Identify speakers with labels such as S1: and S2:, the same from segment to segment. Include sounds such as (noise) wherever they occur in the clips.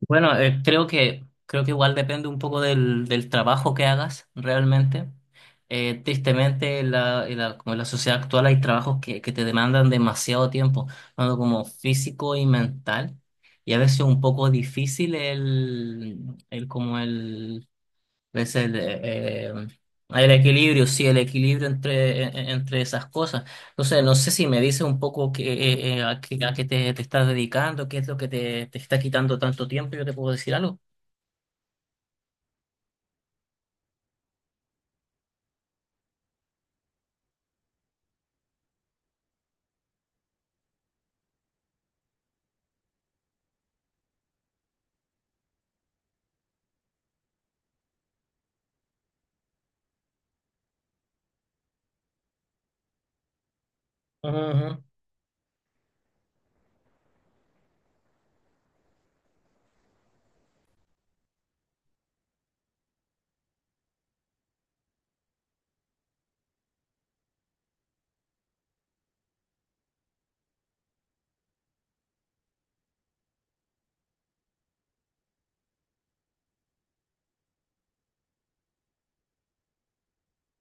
S1: Bueno, creo creo que igual depende un poco del trabajo que hagas realmente. Tristemente, como en la sociedad actual hay trabajos que te demandan demasiado tiempo, tanto como físico y mental, y a veces un poco difícil el como el es el equilibrio, sí, el equilibrio entre esas cosas. Entonces, no sé si me dices un poco que a qué te estás dedicando, qué es lo que te está quitando tanto tiempo, yo te puedo decir algo. Ujú, ujú.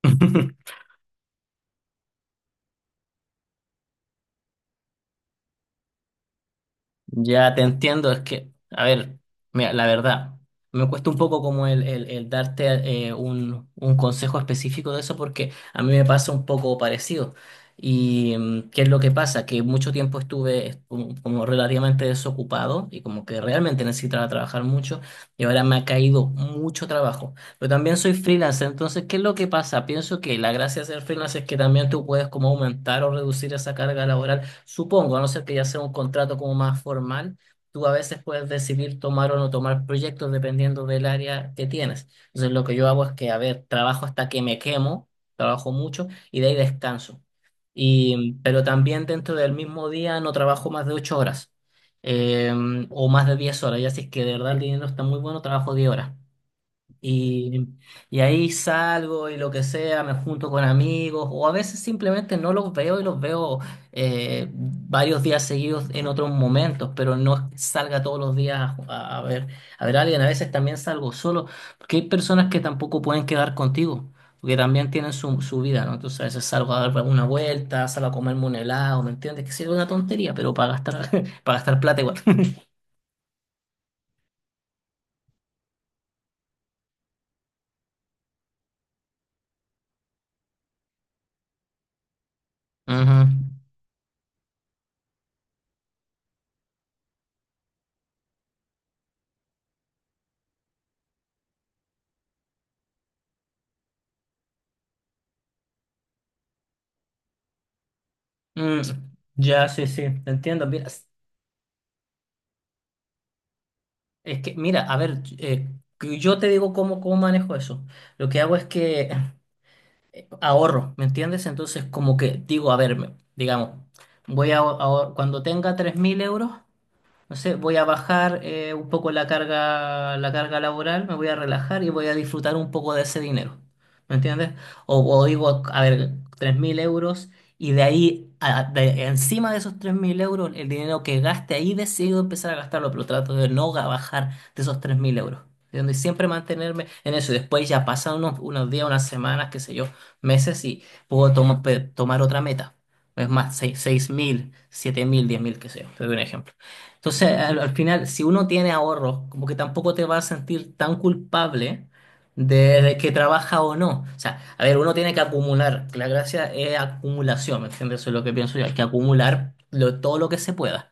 S1: (laughs) Ya te entiendo, es que, a ver, mira, la verdad, me cuesta un poco como el darte un consejo específico de eso porque a mí me pasa un poco parecido. ¿Y qué es lo que pasa? Que mucho tiempo estuve como relativamente desocupado y como que realmente necesitaba trabajar mucho y ahora me ha caído mucho trabajo. Pero también soy freelance, entonces, ¿qué es lo que pasa? Pienso que la gracia de ser freelance es que también tú puedes como aumentar o reducir esa carga laboral. Supongo, a no ser que ya sea un contrato como más formal, tú a veces puedes decidir tomar o no tomar proyectos dependiendo del área que tienes. Entonces, lo que yo hago es que, a ver, trabajo hasta que me quemo, trabajo mucho y de ahí descanso. Y, pero también dentro del mismo día no trabajo más de 8 horas eh, o más de 10 horas. Ya si es que de verdad el dinero está muy bueno, trabajo 10 horas. Y, y ahí salgo y lo que sea, me junto con amigos o a veces simplemente no los veo y los veo varios días seguidos en otros momentos, pero no es que salga todos los días a ver a alguien. A veces también salgo solo, porque hay personas que tampoco pueden quedar contigo, porque también tienen su vida, ¿no? Entonces a veces salgo a dar una vuelta, salgo a comerme un helado, ¿me entiendes? Que sea una tontería, pero para gastar, (laughs) para gastar plata igual. (laughs) Ujú. Mm, ya, sí, sí, te entiendo. Mira, es que, mira, a ver, que yo te digo cómo manejo eso. Lo que hago es que (laughs) ahorro, ¿me entiendes? Entonces, como que digo, a ver, digamos, cuando tenga 3.000 euros, no sé, voy a bajar un poco la carga laboral, me voy a relajar y voy a disfrutar un poco de ese dinero. ¿Me entiendes? O digo, a ver, 3.000 euros, y de ahí, encima de esos 3.000 euros, el dinero que gaste ahí decido empezar a gastarlo, pero trato de no bajar de esos 3.000 euros. ¿Entiendes? Y siempre mantenerme en eso. Y después ya pasan unos días, unas semanas, qué sé yo, meses, y puedo tomar otra meta. Es más, 1.000, 7.000, 10.000, qué sé yo. Te doy un ejemplo. Entonces, al final, si uno tiene ahorros, como que tampoco te vas a sentir tan culpable de que trabaja o no. O sea, a ver, uno tiene que acumular. La gracia es acumulación, ¿me entiendes? Eso es lo que pienso yo. Hay que acumular todo lo que se pueda.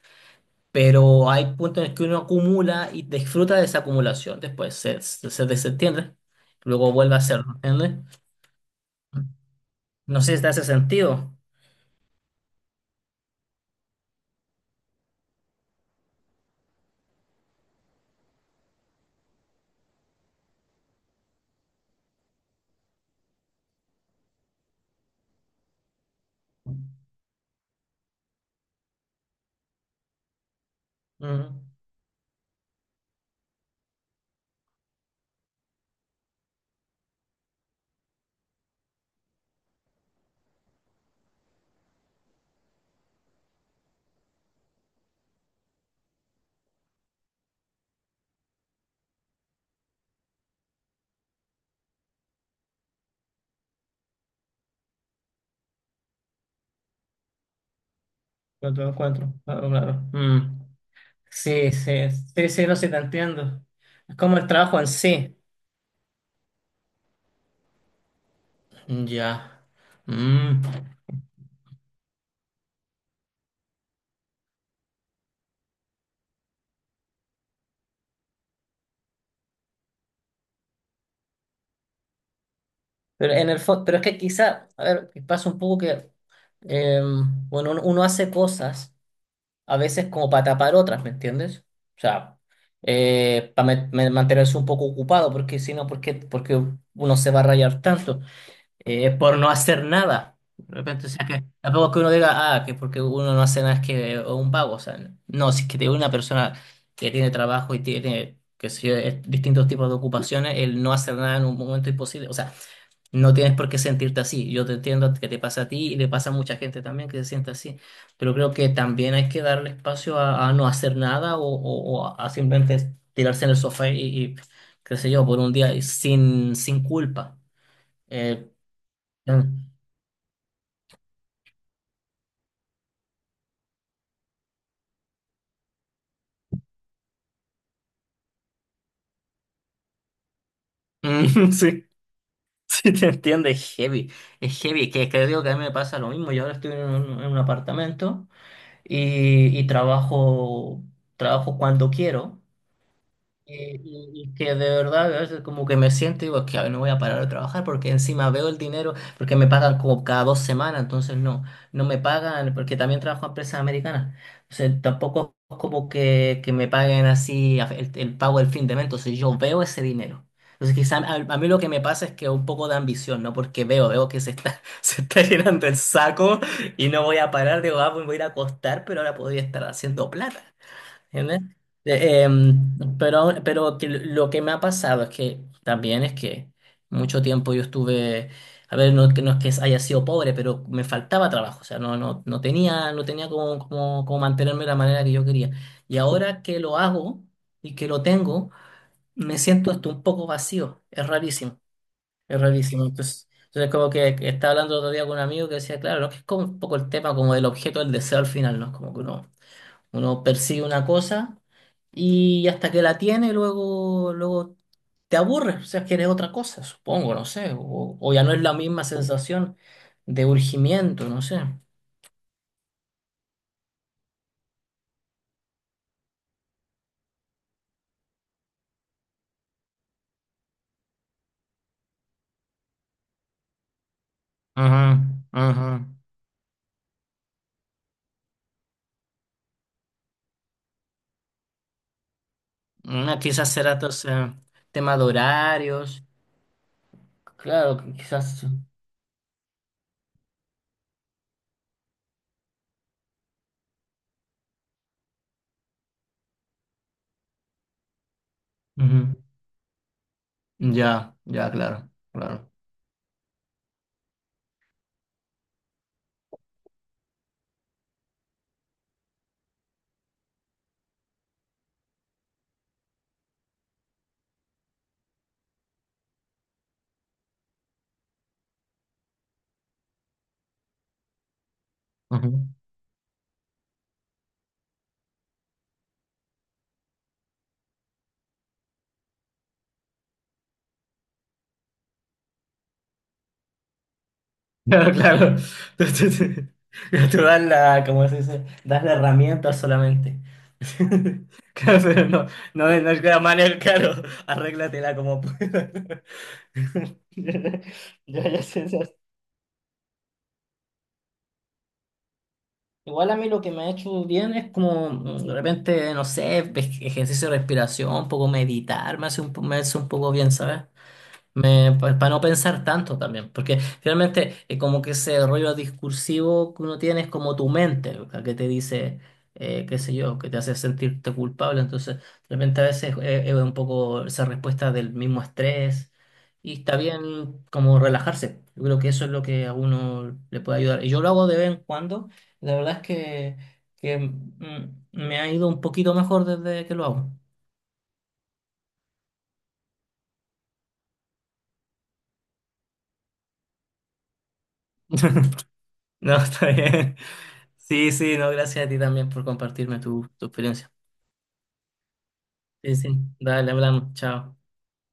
S1: Pero hay puntos en los que uno acumula y disfruta de esa acumulación. Después se desentiende. Luego vuelve a hacerlo, ¿entiendes? No sé si te hace sentido. Mm, no te lo encuentro. Claro, claro. Mm. Sí, sí, sí, sí, no sé, te entiendo. Es como el trabajo en sí. Ya. Mm. Pero es que quizá, a ver, pasa un poco que, eh, bueno, uno hace cosas a veces como para tapar otras, ¿me entiendes? O sea, para mantenerse un poco ocupado, porque si no, ¿por qué uno se va a rayar tanto? Por no hacer nada. De repente, o sea, que tampoco es que uno diga, ah, que porque uno no hace nada es que es un vago. O sea, no, si es que una persona que tiene trabajo y tiene, qué sé yo, distintos tipos de ocupaciones, el no hacer nada en un momento es imposible. O sea, no tienes por qué sentirte así. Yo te entiendo que te pasa a ti y le pasa a mucha gente también que se siente así. Pero creo que también hay que darle espacio a no hacer nada o a simplemente tirarse en el sofá qué sé yo, por un día y sin culpa. Eh, Mm, (laughs) sí, sí te entiende, es heavy, que creo que a mí me pasa lo mismo, yo ahora estoy en en un apartamento y trabajo cuando quiero, y que de verdad a veces como que me siento y digo, es que no voy a parar de trabajar porque encima veo el dinero, porque me pagan como cada 2 semanas, entonces no, no me pagan, porque también trabajo en empresas americanas. O sea, tampoco es como que me paguen así el pago del fin de mes, entonces yo veo ese dinero. Entonces quizá a mí lo que me pasa es que un poco de ambición, ¿no? Porque veo que se está, (laughs) se está llenando el saco y no voy a parar, digo, ah, pues me voy a ir a acostar, pero ahora podría estar haciendo plata. ¿Entiendes? Eh, em, pero que lo que me ha pasado es que también es que mucho tiempo yo estuve, a ver, no, no es que haya sido pobre, pero me faltaba trabajo, o sea, no, no, no tenía como mantenerme de la manera que yo quería. Y ahora que lo hago y que lo tengo, me siento hasta un poco vacío, es rarísimo, es rarísimo. Entonces como que estaba hablando el otro día con un amigo que decía, claro, ¿no? Que es como un poco el tema como del objeto del deseo al final, ¿no? Como que uno persigue una cosa y hasta que la tiene, luego te aburres, o sea, quieres otra cosa, supongo, no sé, o ya no es la misma sensación de urgimiento, no sé. Ajá, ajá. Ah, quizás será entonces tema de horarios, claro, quizás. Ujú. Ya, ya, claro, claro. Ujú. Claro, claro. (laughs) Tú, tú- tú- (laughs) tú das la, ¿cómo se dice? Das la herramienta solamente. (laughs) (laughs) Claro, pero no, no, no es la manera, claro, arréglatela como puedas. (laughs) Ya, ya, ya sé, ya sé. Igual a mí lo que me ha hecho bien es como de repente, no sé, ejercicio de respiración, un poco meditar, me hace me hace un poco bien, ¿sabes? Pues, para no pensar tanto también, porque finalmente como que ese rollo discursivo que uno tiene es como tu mente, ¿verdad? Que te dice, qué sé yo, que te hace sentirte culpable, entonces realmente a veces un poco esa respuesta del mismo estrés y está bien como relajarse, yo creo que eso es lo que a uno le puede ayudar. Y yo lo hago de vez en cuando, la verdad es que me ha ido un poquito mejor desde que lo hago. (laughs) No, (laughs) está bien. Sí, sí, no, gracias a ti también por compartirme tu experiencia. Sí, sí, dale, hablamos, chao.